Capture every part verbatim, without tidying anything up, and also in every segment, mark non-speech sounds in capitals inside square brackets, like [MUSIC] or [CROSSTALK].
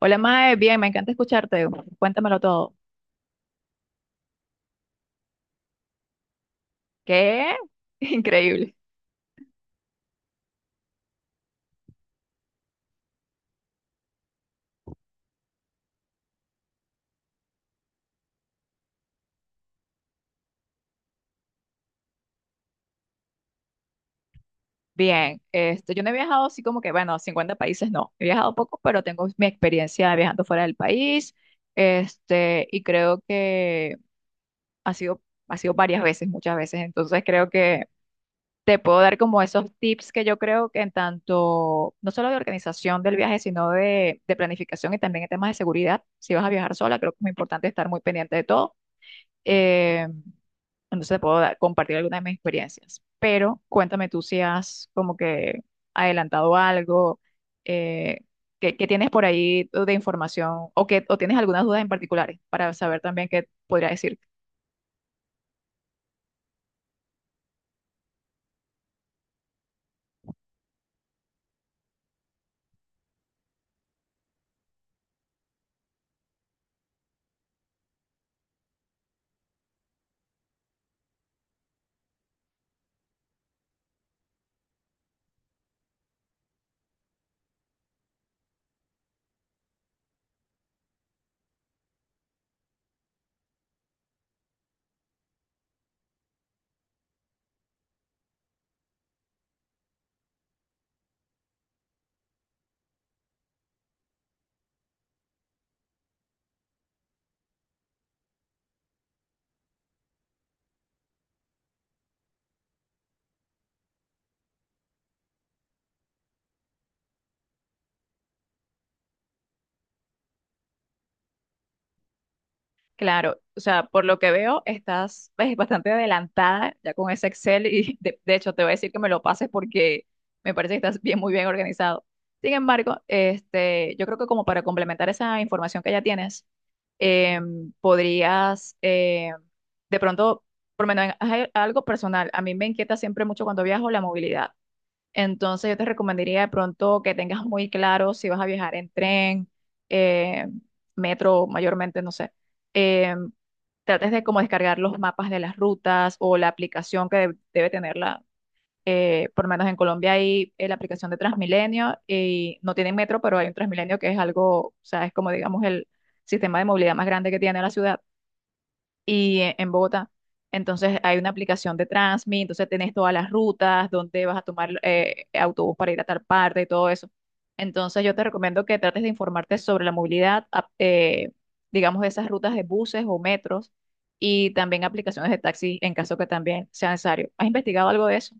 Hola, Mae, bien, me encanta escucharte. Cuéntamelo todo. ¿Qué? [LAUGHS] Increíble. Bien, este, yo no he viajado así como que, bueno, cincuenta países no. He viajado poco, pero tengo mi experiencia viajando fuera del país. Este, y creo que ha sido, ha sido varias veces, muchas veces. Entonces creo que te puedo dar como esos tips que yo creo que en tanto, no solo de organización del viaje, sino de, de planificación y también en temas de seguridad. Si vas a viajar sola, creo que es muy importante estar muy pendiente de todo. Eh, entonces te puedo dar- compartir algunas de mis experiencias. Pero cuéntame tú si has como que adelantado algo, eh, ¿qué, qué tienes por ahí de información o, que, o tienes algunas dudas en particulares para saber también qué podría decir? Claro, o sea, por lo que veo, estás pues, bastante adelantada ya con ese Excel y [LAUGHS] de, de hecho te voy a decir que me lo pases porque me parece que estás bien, muy bien organizado. Sin embargo, este, yo creo que como para complementar esa información que ya tienes, em, podrías eh, de pronto, por lo menos en- a- algo personal, a mí me inquieta siempre mucho cuando viajo la movilidad. Entonces yo te recomendaría de pronto que tengas muy claro si vas a viajar en tren, eh, metro, mayormente, no sé. Eh, Trates de como descargar los mapas de las rutas o la aplicación que deb- debe tenerla. Eh, por lo menos en Colombia hay eh, la aplicación de Transmilenio y no tienen metro, pero hay un Transmilenio que es algo, o sea, es como digamos el sistema de movilidad más grande que tiene la ciudad y e- en Bogotá. Entonces hay una aplicación de Transmi, entonces tenés todas las rutas, dónde vas a tomar eh, autobús para ir a tal parte y todo eso. Entonces yo te recomiendo que trates de informarte sobre la movilidad, ap- eh, digamos, de esas rutas de buses o metros y también aplicaciones de taxi en caso que también sea necesario. ¿Has investigado algo de eso?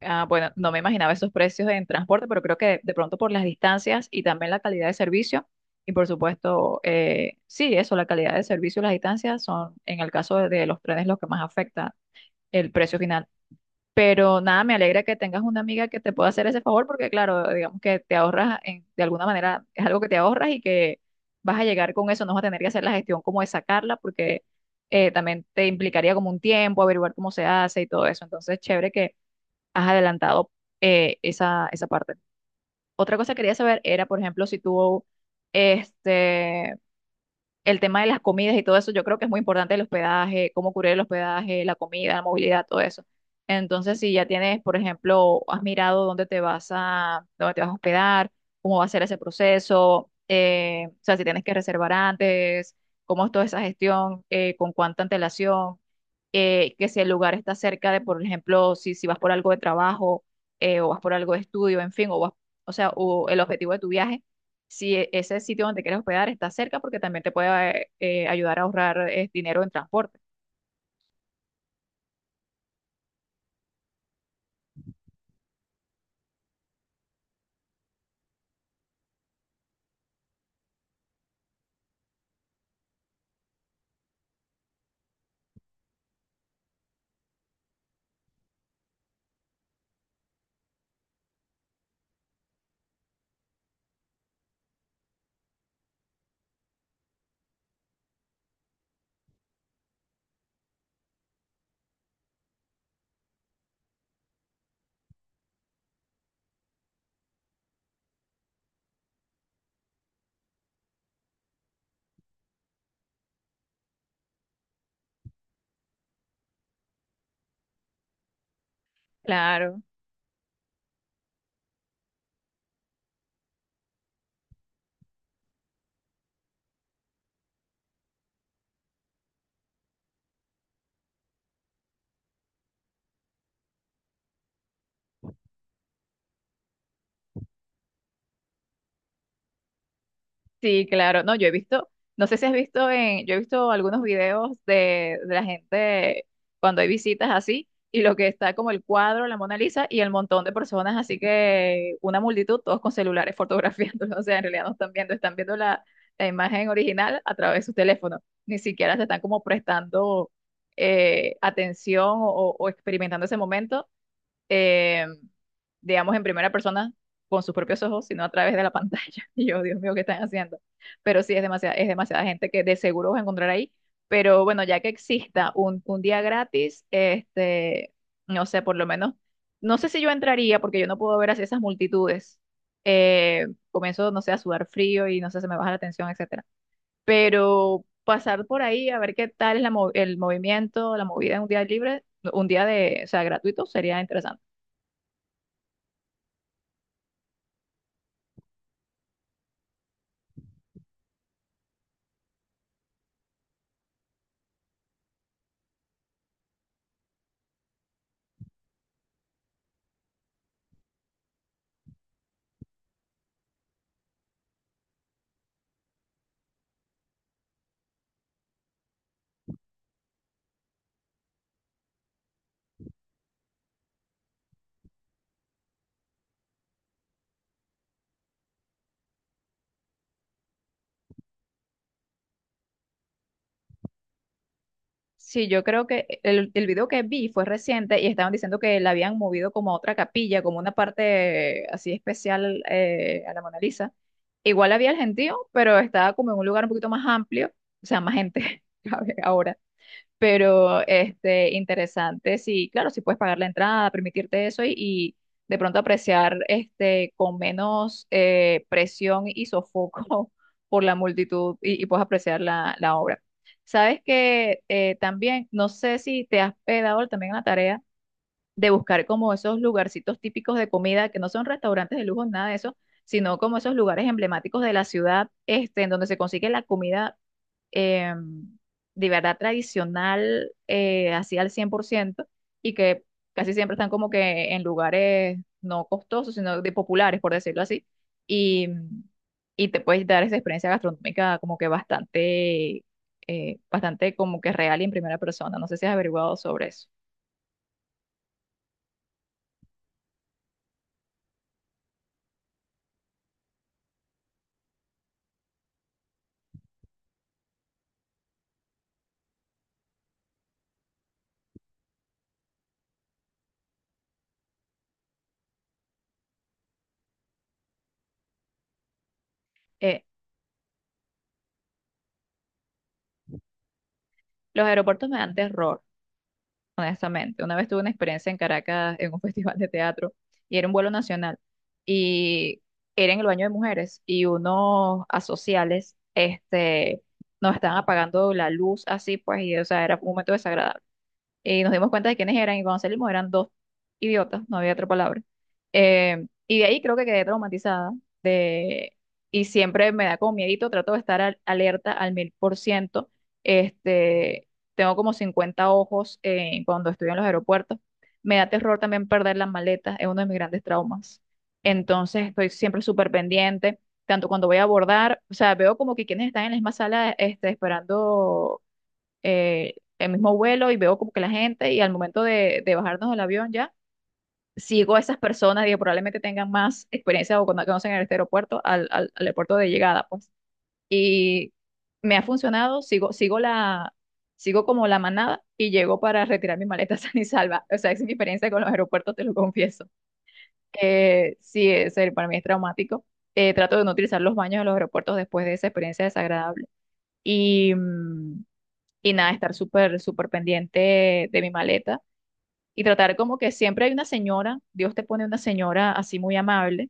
Ah, bueno, no me imaginaba esos precios en transporte, pero creo que de pronto por las distancias y también la calidad de servicio, y por supuesto, eh, sí, eso, la calidad de servicio y las distancias son, en el caso de, de los trenes, lo que más afecta el precio final. Pero nada, me alegra que tengas una amiga que te pueda hacer ese favor, porque claro, digamos que te ahorras, en- de alguna manera, es algo que te ahorras y que vas a llegar con eso, no vas a tener que hacer la gestión como de sacarla, porque eh, también te implicaría como un tiempo, averiguar cómo se hace y todo eso. Entonces, chévere que has adelantado eh, esa, esa parte. Otra cosa que quería saber era, por ejemplo, si tú, este, el tema de las comidas y todo eso, yo creo que es muy importante el hospedaje, cómo cubrir el hospedaje, la comida, la movilidad, todo eso. Entonces, si ya tienes, por ejemplo, has mirado dónde te vas a, dónde te vas a hospedar, cómo va a ser ese proceso, eh, o sea, si tienes que reservar antes, cómo es toda esa gestión, eh, con cuánta antelación eh, que si el lugar está cerca de, por ejemplo, si, si vas por algo de trabajo eh, o vas por algo de estudio, en fin, o vas, o sea, o el objetivo de tu viaje, si e- ese sitio donde quieres hospedar está cerca, porque también te puede eh, ayudar a ahorrar eh, dinero en transporte. Claro. Sí, claro. No, yo he visto, no sé si has visto en, yo he visto algunos videos de, de la gente cuando hay visitas así, y lo que está como el cuadro, la Mona Lisa, y el montón de personas, así que una multitud, todos con celulares fotografiándolo. [LAUGHS] O sea, en realidad no están viendo, están viendo la, la imagen original a través de sus teléfonos. Ni siquiera se están como prestando eh, atención o, o experimentando ese momento eh, digamos, en primera persona con sus propios ojos, sino a través de la pantalla. [LAUGHS] Y yo, Dios mío, ¿qué están haciendo? Pero sí, es demasiada, es demasiada gente que de seguro vas a encontrar ahí. Pero bueno, ya que exista un, un día gratis, este, no sé, por lo menos, no sé si yo entraría porque yo no puedo ver así esas multitudes. Eh, Comienzo, no sé, a sudar frío y no sé, se me baja la tensión, etcétera. Pero pasar por ahí a ver qué tal es la mo- el movimiento, la movida en un día libre, un día de, o sea, gratuito, sería interesante. Sí, yo creo que el, el video que vi fue reciente y estaban diciendo que la habían movido como a otra capilla, como una parte así especial eh, a la Mona Lisa. Igual había el gentío, pero estaba como en un lugar un poquito más amplio, o sea, más gente, [LAUGHS] ¿sabes? Ahora. Pero este, interesante, sí, claro, si puedes pagar la entrada, permitirte eso y, y de pronto apreciar este, con menos eh, presión y sofoco [LAUGHS] por la multitud y, y puedes apreciar la, la obra. Sabes que eh, también, no sé si te has pegado también a la tarea de buscar como esos lugarcitos típicos de comida, que no son restaurantes de lujo, nada de eso, sino como esos lugares emblemáticos de la ciudad, este, en donde se consigue la comida eh, de verdad tradicional, eh, así al cien por ciento y que casi siempre están como que en lugares no costosos, sino de populares, por decirlo así, y, y te puedes dar esa experiencia gastronómica como que bastante, eh, bastante como que real y en primera persona. No sé si has averiguado sobre eso. Eh, los aeropuertos me dan terror, honestamente. Una vez tuve una experiencia en Caracas en un [LAUGHS] festival de teatro y era un vuelo nacional y era en el baño de mujeres y unos asociales este, nos estaban apagando la luz así, pues, y o sea, era un momento desagradable y nos dimos cuenta de quiénes eran y cuando salimos eran dos idiotas, no había otra palabra. Eh, y de ahí creo que quedé traumatizada de, y siempre me da como miedito, trato de estar al- alerta al mil por ciento. Este, Tengo como cincuenta ojos eh, cuando estoy en los aeropuertos. Me da terror también perder las maletas, es uno de mis grandes traumas. Entonces estoy siempre súper pendiente, tanto cuando voy a abordar, o sea, veo como que quienes están en la misma sala este, esperando eh, el mismo vuelo y veo como que la gente y al momento de, de bajarnos del avión ya, sigo a esas personas, digo, probablemente tengan más experiencia o cuando conocen este aeropuerto al, al, al aeropuerto de llegada, pues. Y me ha funcionado, sigo, sigo la, sigo como la manada y llego para retirar mi maleta [LAUGHS] sana y salva. O sea, esa es mi experiencia con los aeropuertos, te lo confieso. Eh, sí, es, eh, para mí es traumático. Eh, trato de no utilizar los baños de los aeropuertos después de esa experiencia desagradable. Y, mm, y nada, estar súper, súper pendiente de mi maleta y tratar como que siempre hay una señora, Dios te pone una señora así muy amable,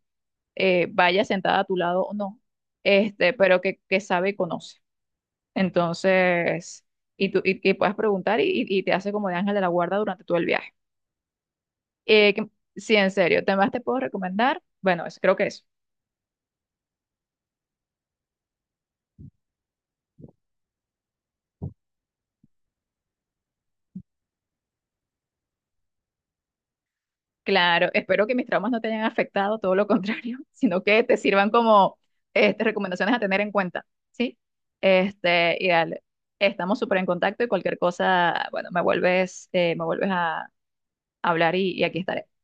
eh, vaya sentada a tu lado o no, este, pero que, que sabe y conoce. Entonces, y tú y, y puedes preguntar y, y- y te hace como de ángel de la guarda durante todo el viaje. Eh, que- sí, en serio, ¿temas te puedo recomendar? Bueno, eso, creo que eso. Claro, espero que mis traumas no te hayan afectado, todo lo contrario, [LAUGHS] sino que te sirvan como este, recomendaciones a tener en cuenta, ¿sí? Este, y dale, estamos súper en contacto y cualquier cosa, bueno, me vuelves, eh, me vuelves a hablar y, y aquí estaré.